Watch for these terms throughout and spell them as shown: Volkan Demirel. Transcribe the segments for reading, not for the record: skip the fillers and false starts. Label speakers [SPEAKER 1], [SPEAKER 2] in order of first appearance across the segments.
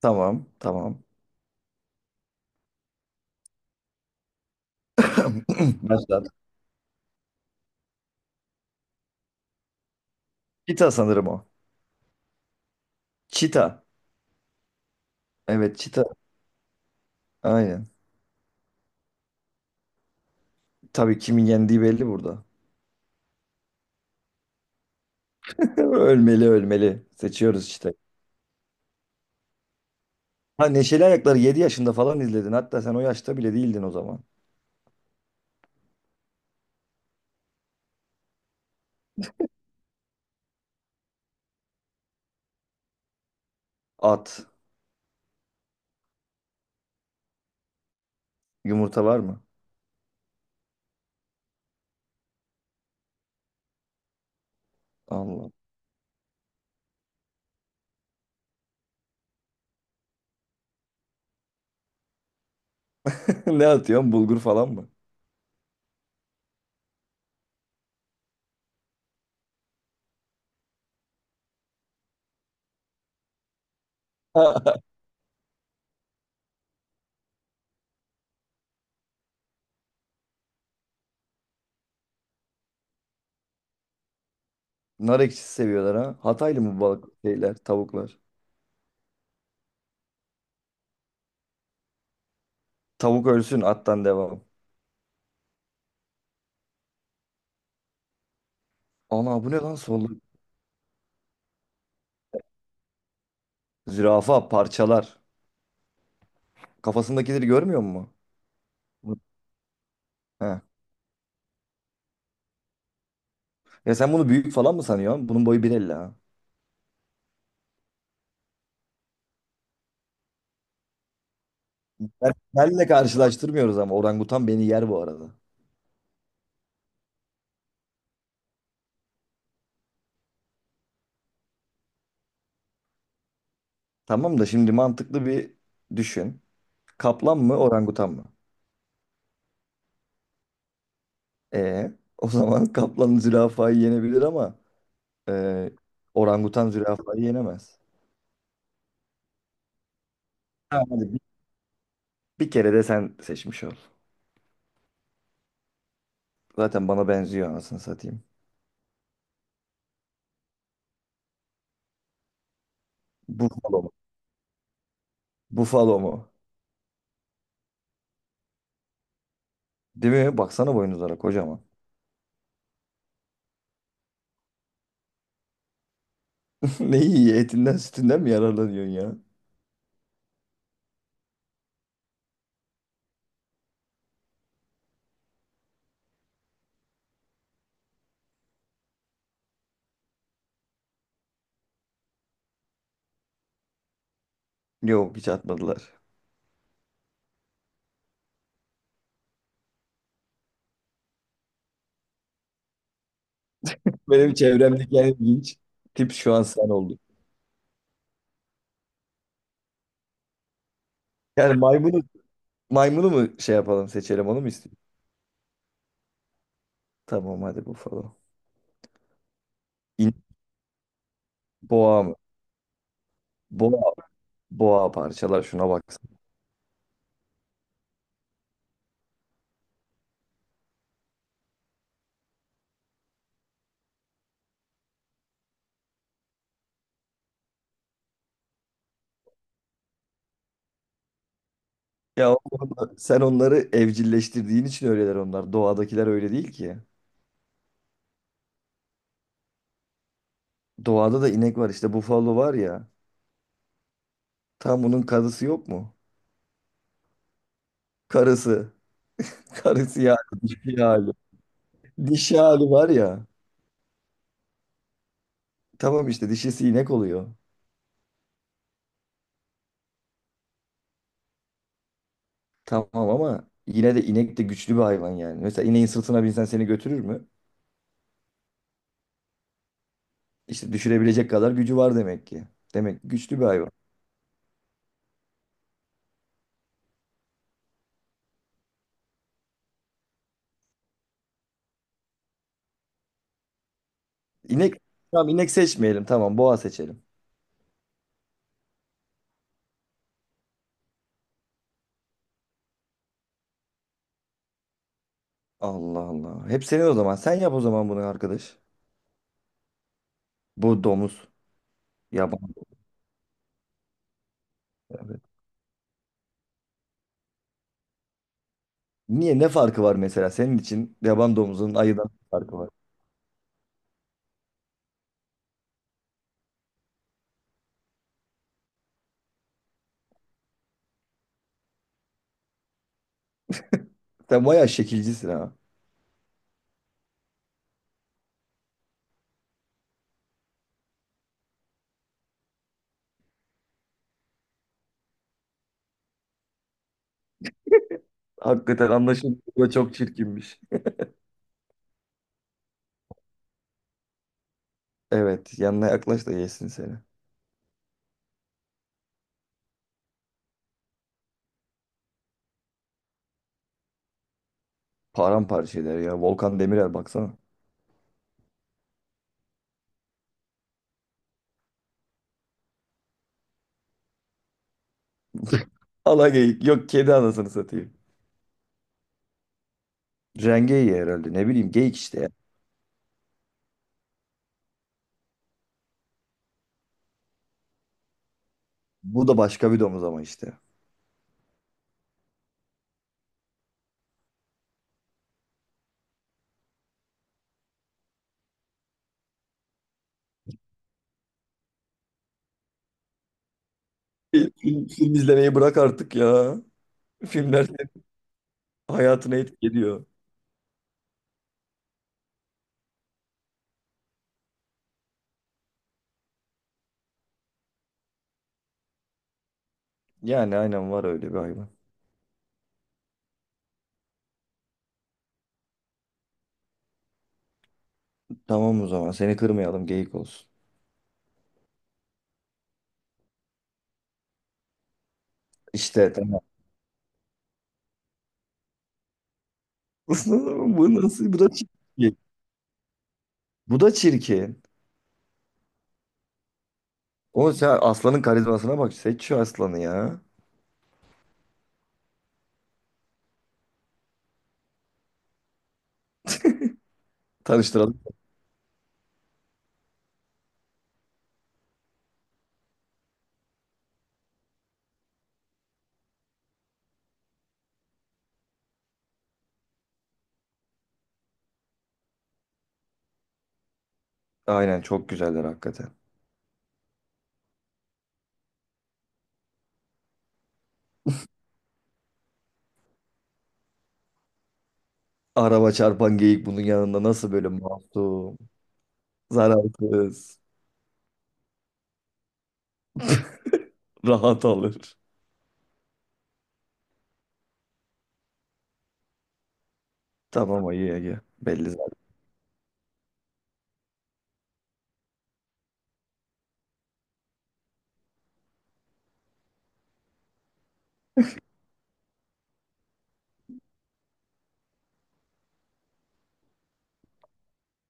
[SPEAKER 1] Tamam, tamam. Başlat. Çita sanırım o. Çita. Evet, çita. Aynen. Tabii kimin yendiği belli burada. Ölmeli ölmeli. Seçiyoruz işte. Ha Neşeli Ayaklar'ı 7 yaşında falan izledin. Hatta sen o yaşta bile değildin o zaman. At. Yumurta var mı? Allah. Ne atıyorsun? Bulgur falan mı? Nar ekşisi seviyorlar ha. Hataylı mı bu balık şeyler, tavuklar? Tavuk ölsün, attan devam. Ana bu ne lan soluk? Zürafa parçalar. Kafasındakileri görmüyor musun? He. Ya sen bunu büyük falan mı sanıyorsun? Bunun boyu 1.50 ha. Benle karşılaştırmıyoruz ama orangutan beni yer bu arada. Tamam da şimdi mantıklı bir düşün. Kaplan mı orangutan mı? E o zaman kaplan zürafayı yenebilir ama e, orangutan zürafayı yenemez. Ha, hadi bir kere de sen seçmiş ol. Zaten bana benziyor anasını satayım. Bufalo mu? Bufalo mu? Değil mi? Baksana boynuzlara kocaman. Ne iyi etinden sütünden mi yararlanıyorsun ya? Yok hiç atmadılar. Benim çevremdeki en ilginç tip şu an sen oldun. Yani maymunu mu şey yapalım seçelim onu mu istiyorsun? Tamam hadi bufalo. İn, boğa mı? Boğa, boğa parçalar şuna baksana. Ya oğlum, sen onları evcilleştirdiğin için öyleler onlar. Doğadakiler öyle değil ki. Doğada da inek var işte bufalo var ya. Tam bunun karısı yok mu? Karısı. Karısı yani dişi hali. Dişi hali var ya. Tamam işte dişisi inek oluyor. Tamam ama yine de inek de güçlü bir hayvan yani. Mesela ineğin sırtına binsen seni götürür mü? İşte düşürebilecek kadar gücü var demek ki. Demek ki güçlü bir hayvan. İnek, tamam inek seçmeyelim tamam boğa seçelim. Allah Allah. Hep senin o zaman. Sen yap o zaman bunu arkadaş. Bu domuz. Yaban. Evet. Niye? Ne farkı var mesela? Senin için yaban domuzunun ayıdan ne farkı var. Sen bayağı şekilcisin ha. Hakikaten anlaşıldı. Bu çok çirkinmiş. Evet. Yanına yaklaş da yesin seni. Paramparça eder ya. Volkan Demirel baksana. Ala geyik. Yok kedi anasını satayım. Rengeyi herhalde ne bileyim geyik işte ya. Bu da başka bir domuz ama işte. Film izlemeyi bırak artık ya. Filmler senin hayatına etki ediyor. Yani aynen var öyle bir hayvan. Tamam o zaman seni kırmayalım geyik olsun. İşte tamam. Bu nasıl? Bu da çirkin. Bu da çirkin. O sen aslanın karizmasına bak. Seç şu aslanı ya. Tanıştıralım. Aynen çok güzeller hakikaten. Araba çarpan geyik bunun yanında nasıl böyle masum, zararsız. Rahat alır. Tamam ayı Ege. Belli zaten.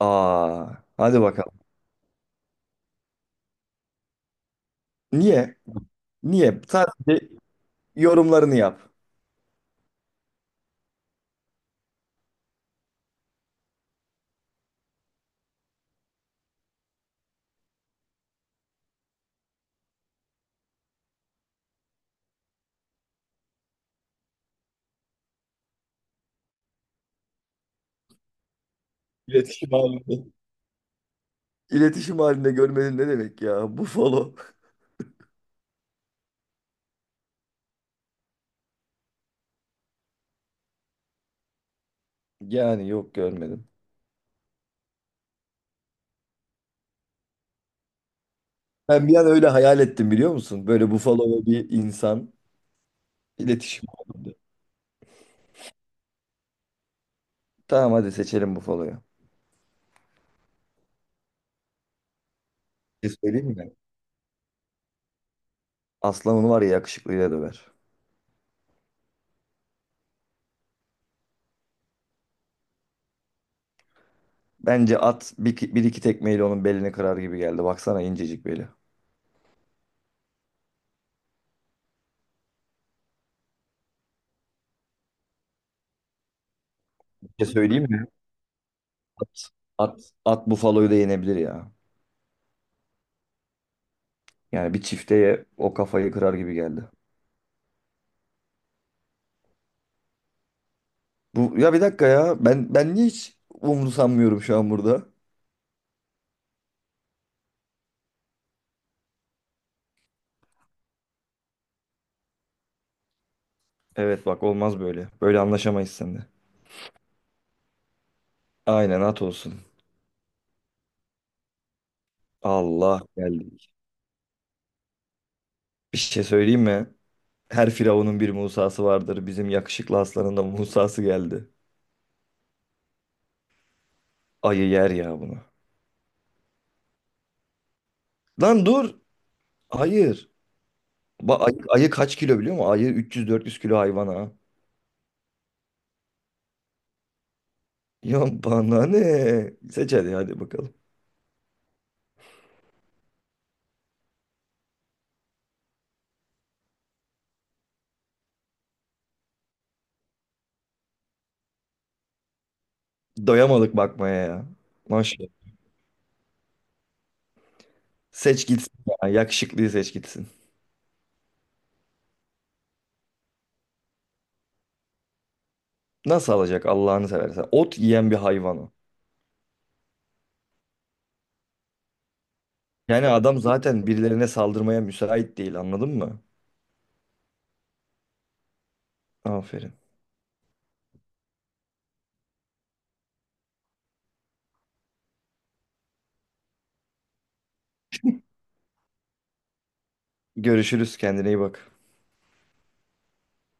[SPEAKER 1] Aa, hadi bakalım. Niye? Niye? Sadece yorumlarını yap. İletişim halinde. İletişim halinde görmedin ne demek ya? Buffalo. Yani yok görmedim. Ben bir an öyle hayal ettim biliyor musun? Böyle Buffalo ve bir insan iletişim halinde. Tamam hadi seçelim Buffalo'yu. Bir şey söyleyeyim mi? Aslanın var ya yakışıklıyla döver. Bence at bir iki tekmeyle onun belini kırar gibi geldi. Baksana incecik beli. Bir şey söyleyeyim mi? At, at, at Buffalo'yu da yenebilir ya. Yani bir çifteye o kafayı kırar gibi geldi. Bu ya bir dakika ya. Ben niye hiç umursamıyorum şu an burada? Evet bak olmaz böyle. Böyle anlaşamayız seninle. Aynen at olsun. Allah geldik. Bir şey söyleyeyim mi? Her firavunun bir Musa'sı vardır. Bizim yakışıklı aslanın da Musa'sı geldi. Ayı yer ya bunu. Lan dur. Hayır. Ayı kaç kilo biliyor musun? Ayı 300-400 kilo hayvan ha. Ya bana ne? Seç hadi hadi bakalım. Doyamadık bakmaya ya. Maşallah. Seç gitsin ya. Yakışıklıyı seç gitsin. Nasıl alacak Allah'ını seversen? Ot yiyen bir hayvan o. Yani adam zaten birilerine saldırmaya müsait değil anladın mı? Aferin. Görüşürüz kendine iyi bak.